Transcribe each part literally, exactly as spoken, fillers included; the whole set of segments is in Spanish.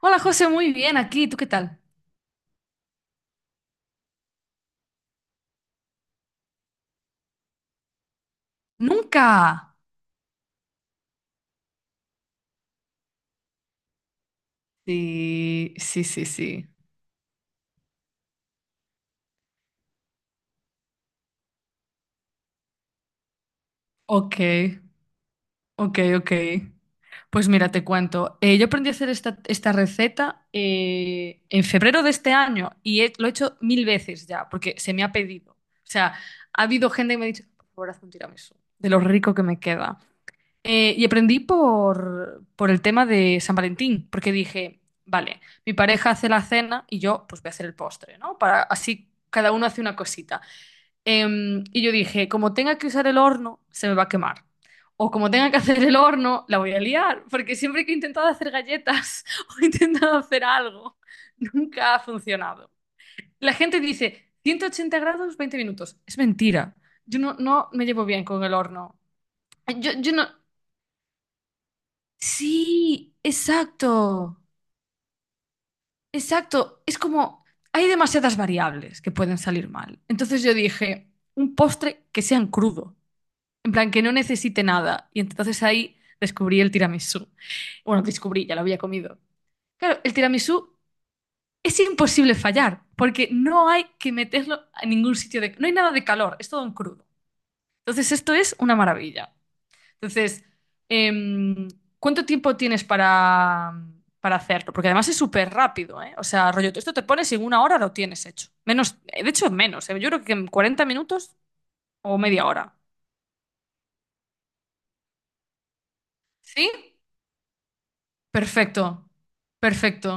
Hola José, muy bien aquí. ¿Tú qué tal? Nunca. Sí, sí, sí, sí. Ok, ok, ok. Pues mira, te cuento. Eh, yo aprendí a hacer esta, esta receta eh, en febrero de este año y he- lo he hecho mil veces ya porque se me ha pedido. O sea, ha habido gente que me ha dicho, por favor, haz un tiramisú, de lo rico que me queda. Eh, y aprendí por, por el tema de San Valentín, porque dije, vale, mi pareja hace la cena y yo pues voy a hacer el postre, ¿no? Para, así cada uno hace una cosita. Em, y yo dije, como tenga que usar el horno, se me va a quemar. O como tenga que hacer el horno, la voy a liar, porque siempre que he intentado hacer galletas o he intentado hacer algo, nunca ha funcionado. La gente dice, ciento ochenta grados, veinte minutos. Es mentira. Yo no, no me llevo bien con el horno. Yo, yo no. Sí, exacto, exacto. Es como, hay demasiadas variables que pueden salir mal. Entonces yo dije, un postre que sea en crudo, en plan que no necesite nada. Y entonces ahí descubrí el tiramisú. Bueno, descubrí, ya lo había comido. Claro, el tiramisú es imposible fallar, porque no hay que meterlo a ningún sitio de. No hay nada de calor, es todo en crudo. Entonces esto es una maravilla. Entonces, em, ¿cuánto tiempo tienes para, para hacerlo? Porque además es súper rápido, ¿eh? O sea, rollo, esto te pones y en una hora lo tienes hecho. Menos, eh, de hecho, menos, ¿eh? Yo creo que en cuarenta minutos o media hora. ¿Sí? Perfecto, perfecto.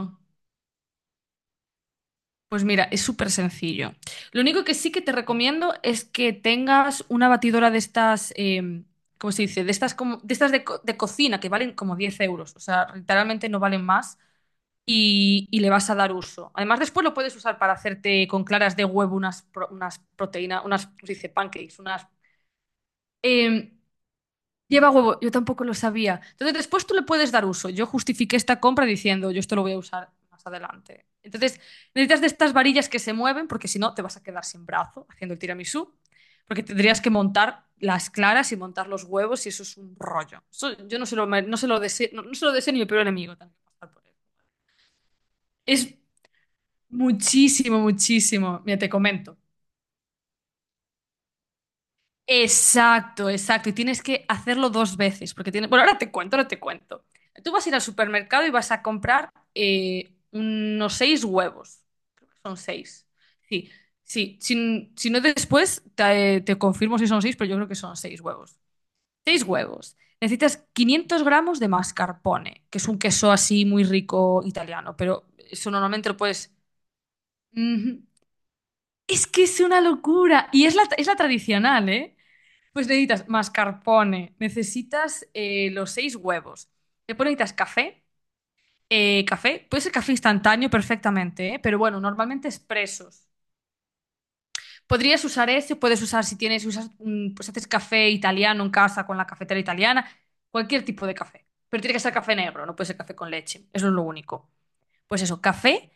Pues mira, es súper sencillo. Lo único que sí que te recomiendo es que tengas una batidora de estas, em, ¿cómo se dice? De estas, como, de, estas de, co- de cocina que valen como diez euros. O sea, literalmente no valen más. y, y le vas a dar uso. Además, después lo puedes usar para hacerte con claras de huevo unas, pro- unas proteínas, unas, ¿cómo se dice? Pancakes, unas. Eh, lleva huevo, yo tampoco lo sabía. Entonces, después tú le puedes dar uso. Yo justifiqué esta compra diciendo, yo esto lo voy a usar más adelante. Entonces, necesitas de estas varillas que se mueven, porque si no, te vas a quedar sin brazo haciendo el tiramisú, porque tendrías que montar las claras y montar los huevos y eso es un rollo. Eso yo no se lo, me- no se lo, dese- no, no se lo deseo ni mi peor enemigo. Tengo pasar por él. Es Muchísimo, muchísimo. Mira, te comento. Exacto, exacto. Y tienes que hacerlo dos veces, porque tiene. Bueno, ahora te cuento, ahora te cuento. Tú vas a ir al supermercado y vas a comprar eh, unos seis huevos. Creo que son seis. Sí, sí. Si, si no, después te, te confirmo si son seis, pero yo creo que son seis huevos. Seis huevos. Necesitas quinientos gramos de mascarpone, que es un queso así muy rico italiano, pero eso normalmente lo puedes. Ujú. Es que es una locura. Y es la, es la tradicional, ¿eh? Pues necesitas mascarpone, necesitas eh, los seis huevos. Después necesitas café. eh, café, puede ser café instantáneo perfectamente, ¿eh? Pero bueno, normalmente expresos. Podrías usar ese, puedes usar si tienes, usas, mm, pues haces café italiano en casa con la cafetera italiana, cualquier tipo de café. Pero tiene que ser café negro, no puede ser café con leche. Eso es lo único pues eso, café.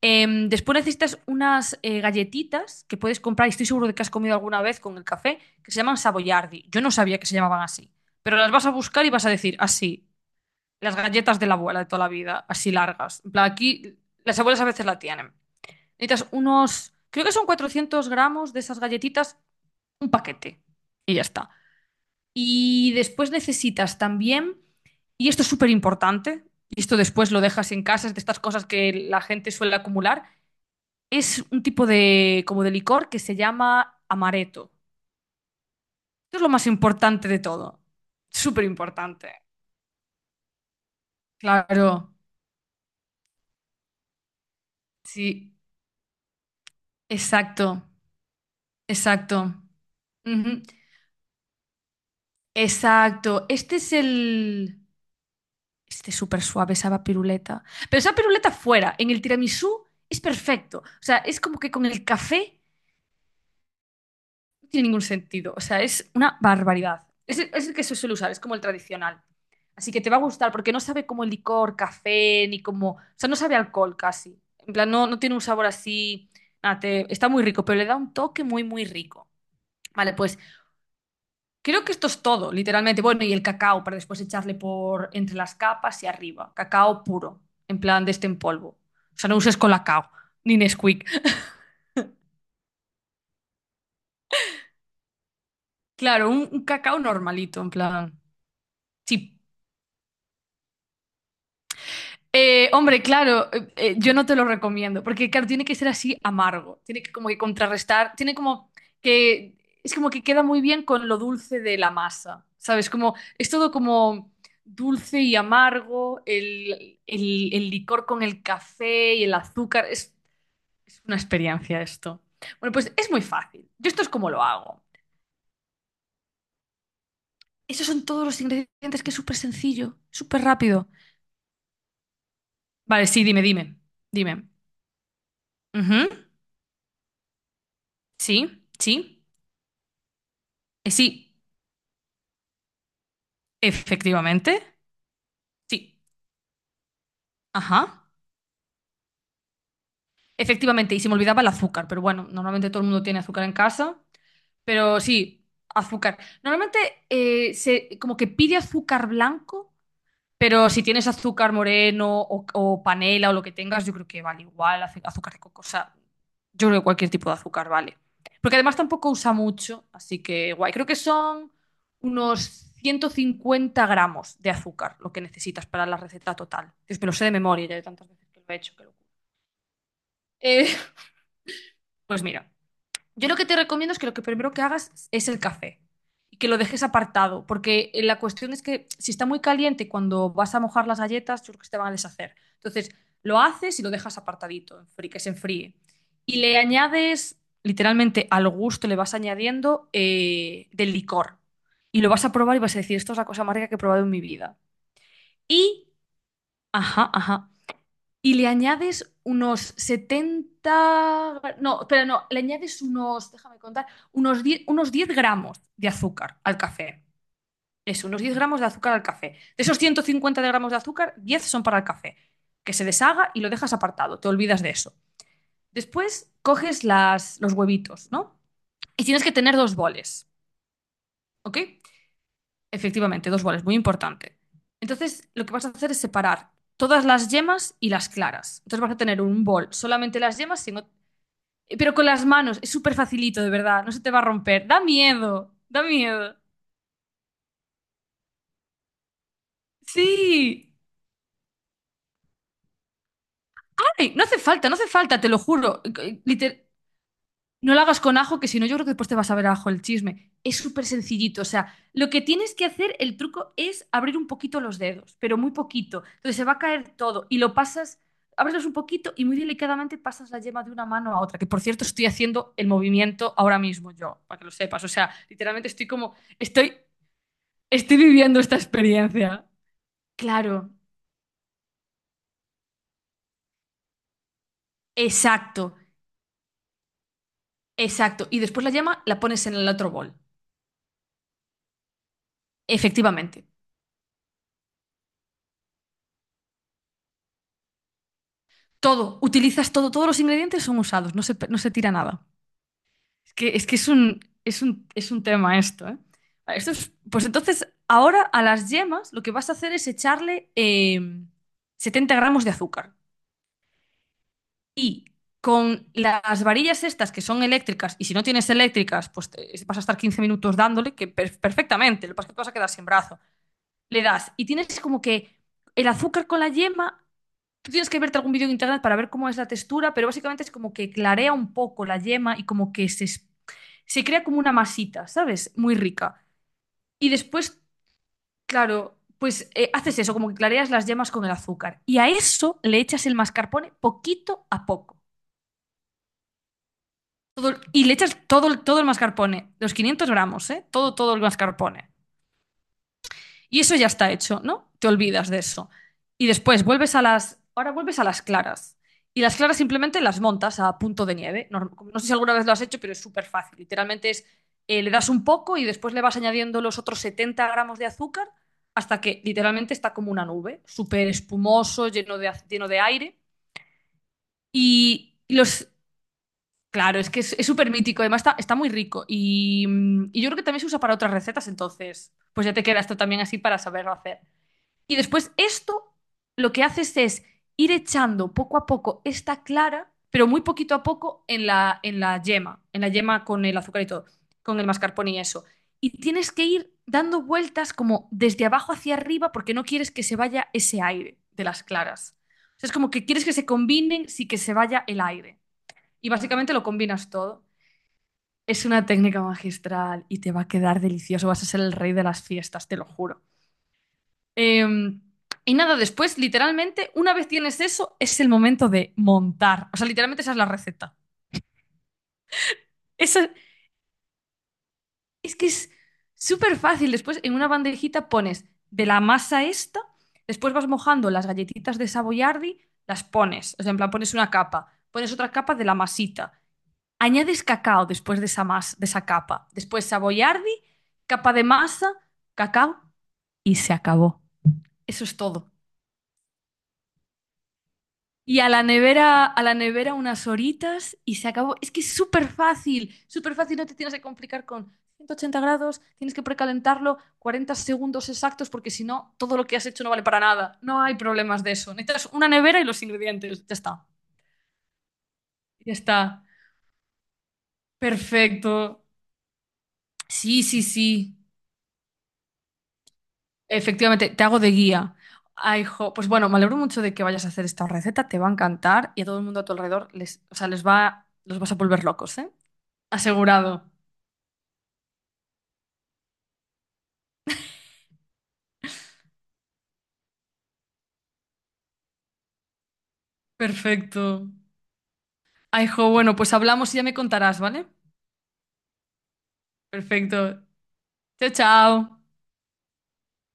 Em, después necesitas unas eh, galletitas que puedes comprar, y estoy seguro de que has comido alguna vez con el café, que se llaman Savoyardi. Yo no sabía que se llamaban así, pero las vas a buscar y vas a decir así, las galletas de la abuela de toda la vida, así largas. En plan, aquí las abuelas a veces la tienen. Necesitas unos, creo que son cuatrocientos gramos de esas galletitas, un paquete, y ya está. Y después necesitas también, y esto es súper importante, y esto después lo dejas en casa, es de estas cosas que la gente suele acumular, es un tipo de, como de licor que se llama amaretto. Esto es lo más importante de todo. Súper importante. Claro, sí, exacto, exacto. Ujú, exacto. Este es el. Este es súper suave, esa piruleta. Pero esa piruleta fuera, en el tiramisú, es perfecto. O sea, es como que con el café tiene ningún sentido. O sea, es una barbaridad. Es el, es el que se suele usar, es como el tradicional. Así que te va a gustar porque no sabe como licor, café, ni como. O sea, no sabe a alcohol casi. En plan, no, no tiene un sabor así. Nada, te- está muy rico, pero le da un toque muy, muy rico. Vale, pues creo que esto es todo, literalmente. Bueno, y el cacao para después echarle por entre las capas y arriba. Cacao puro, en plan de este en polvo. O sea, no uses colacao, ni Nesquik. Claro, un, un cacao normalito, en plan. Sí, Eh, hombre, claro, eh, eh, yo no te lo recomiendo, porque claro, tiene que ser así amargo, tiene que como que contrarrestar, tiene como que, es como que queda muy bien con lo dulce de la masa, ¿sabes? Como, es todo como dulce y amargo, el, el- el licor con el café y el azúcar, es, es una experiencia esto. Bueno, pues es muy fácil, yo esto es como lo hago. Esos son todos los ingredientes que es súper sencillo, súper rápido. Vale, sí, dime, dime, dime. Ujú, sí, sí. Eh, sí, efectivamente. Sí, ajá. Efectivamente, y se me olvidaba el azúcar, pero bueno, normalmente todo el mundo tiene azúcar en casa, pero sí, azúcar. Normalmente eh, se como que pide azúcar blanco, pero si tienes azúcar moreno o, o panela o lo que tengas, yo creo que vale igual, azu- azúcar de coco, o sea, yo creo que cualquier tipo de azúcar vale. Porque además tampoco usa mucho, así que guay. Creo que son unos ciento cincuenta gramos de azúcar lo que necesitas para la receta total. Dios, me lo sé de memoria ya de tantas veces que lo he hecho. Qué locura. Eh, pues mira, yo lo que te recomiendo es que lo que primero que hagas es el café y que lo dejes apartado, porque eh, la cuestión es que si está muy caliente cuando vas a mojar las galletas, yo creo que se te van a deshacer. Entonces, lo haces y lo dejas apartadito, enfri- que se enfríe. Y le añades, literalmente al gusto le vas añadiendo eh, del licor. Y lo vas a probar y vas a decir, esto es la cosa más rica que he probado en mi vida. Y, ajá, ajá. Y le añades unos, setenta gra- no, pero no, le añades unos, déjame contar, unos diez unos diez gramos de azúcar al café. Eso, unos diez gramos de azúcar al café. De esos ciento cincuenta de gramos de azúcar, diez son para el café, que se deshaga y lo dejas apartado, te olvidas de eso. Después coges las, los huevitos, ¿no? Y tienes que tener dos boles, ¿ok? Efectivamente, dos boles, muy importante. Entonces, lo que vas a hacer es separar todas las yemas y las claras. Entonces vas a tener un bol solamente las yemas sin. Eh, Pero con las manos, es súper facilito, de verdad, no se te va a romper. Da miedo, da miedo. Sí. Ay, no hace falta, no hace falta, te lo juro. Eh, eh, liter- no lo hagas con ajo, que si no, yo creo que después te vas a ver ajo el chisme. Es súper sencillito, o sea, lo que tienes que hacer, el truco es abrir un poquito los dedos, pero muy poquito. Entonces se va a caer todo y lo pasas, abres un poquito y muy delicadamente pasas la yema de una mano a otra, que por cierto estoy haciendo el movimiento ahora mismo yo, para que lo sepas. O sea, literalmente estoy como, estoy Estoy viviendo esta experiencia. Claro, exacto, exacto. Y después la yema la pones en el otro bol. Efectivamente. Todo, utilizas todo, todos los ingredientes son usados, no se, pe- no se tira nada. Es que es, que es un, es un, es un tema esto, ¿eh? Vale, Esto es- pues entonces, ahora a las yemas lo que vas a hacer es echarle eh, setenta gramos de azúcar. Y con las varillas estas que son eléctricas, y si no tienes eléctricas, pues te- vas a estar quince minutos dándole, que per- perfectamente, lo que pasa es que te vas a quedar sin brazo. Le das y tienes como que el azúcar con la yema, tú tienes que verte algún vídeo en internet para ver cómo es la textura, pero básicamente es como que clarea un poco la yema y como que se, es- se crea como una masita, ¿sabes? Muy rica. Y después, claro, pues eh, haces eso, como que clareas las yemas con el azúcar. Y a eso le echas el mascarpone poquito a poco. todo- y le echas todo, todo el mascarpone, los quinientos gramos, ¿eh? Todo, todo el mascarpone. Y eso ya está hecho, ¿no? Te olvidas de eso. Y después vuelves a las, ahora vuelves a las claras. Y las claras simplemente las montas a punto de nieve. No, no sé si alguna vez lo has hecho, pero es súper fácil. Literalmente es, eh, le das un poco y después le vas añadiendo los otros setenta gramos de azúcar hasta que literalmente está como una nube, súper espumoso, lleno de, az- lleno de aire. Y los, Claro, es que es súper mítico, además está, está muy rico y, mm, y yo creo que también se usa para otras recetas, entonces pues ya te queda esto también así para saberlo hacer. Y después esto lo que haces es ir echando poco a poco esta clara, pero muy poquito a poco en la, en la yema, en la yema con el azúcar y todo, con el mascarpone y eso. Y tienes que ir dando vueltas como desde abajo hacia arriba porque no quieres que se vaya ese aire de las claras. O sea, es como que quieres que se combinen sin que se vaya el aire. Y básicamente lo combinas todo. Es una técnica magistral y te va a quedar delicioso. Vas a ser el rey de las fiestas, te lo juro. Eh, y nada, después, literalmente, una vez tienes eso, es el momento de montar. O sea, literalmente esa es la receta. Esa- es que es súper fácil. Después, en una bandejita pones de la masa esta, después vas mojando las galletitas de Savoyardi, las pones. O sea, en plan, pones una capa, pones otra capa de la masita. Añades cacao después de esa masa, de esa capa. Después saboyardi, capa de masa, cacao y se acabó. Eso es todo. Y a la nevera, a la nevera unas horitas y se acabó. Es que es súper fácil, súper fácil, no te tienes que complicar con ciento ochenta grados, tienes que precalentarlo cuarenta segundos exactos porque si no, todo lo que has hecho no vale para nada. No hay problemas de eso. Necesitas una nevera y los ingredientes. Ya está. Ya está. Perfecto. Sí, sí, sí. Efectivamente, te hago de guía. Ay, jo, pues bueno, me alegro mucho de que vayas a hacer esta receta, te va a encantar y a todo el mundo a tu alrededor les, o sea, les va, los vas a volver locos, ¿eh? Asegurado. Perfecto. Ay, jo, bueno, pues hablamos y ya me contarás, ¿vale? Perfecto. Chao, chao.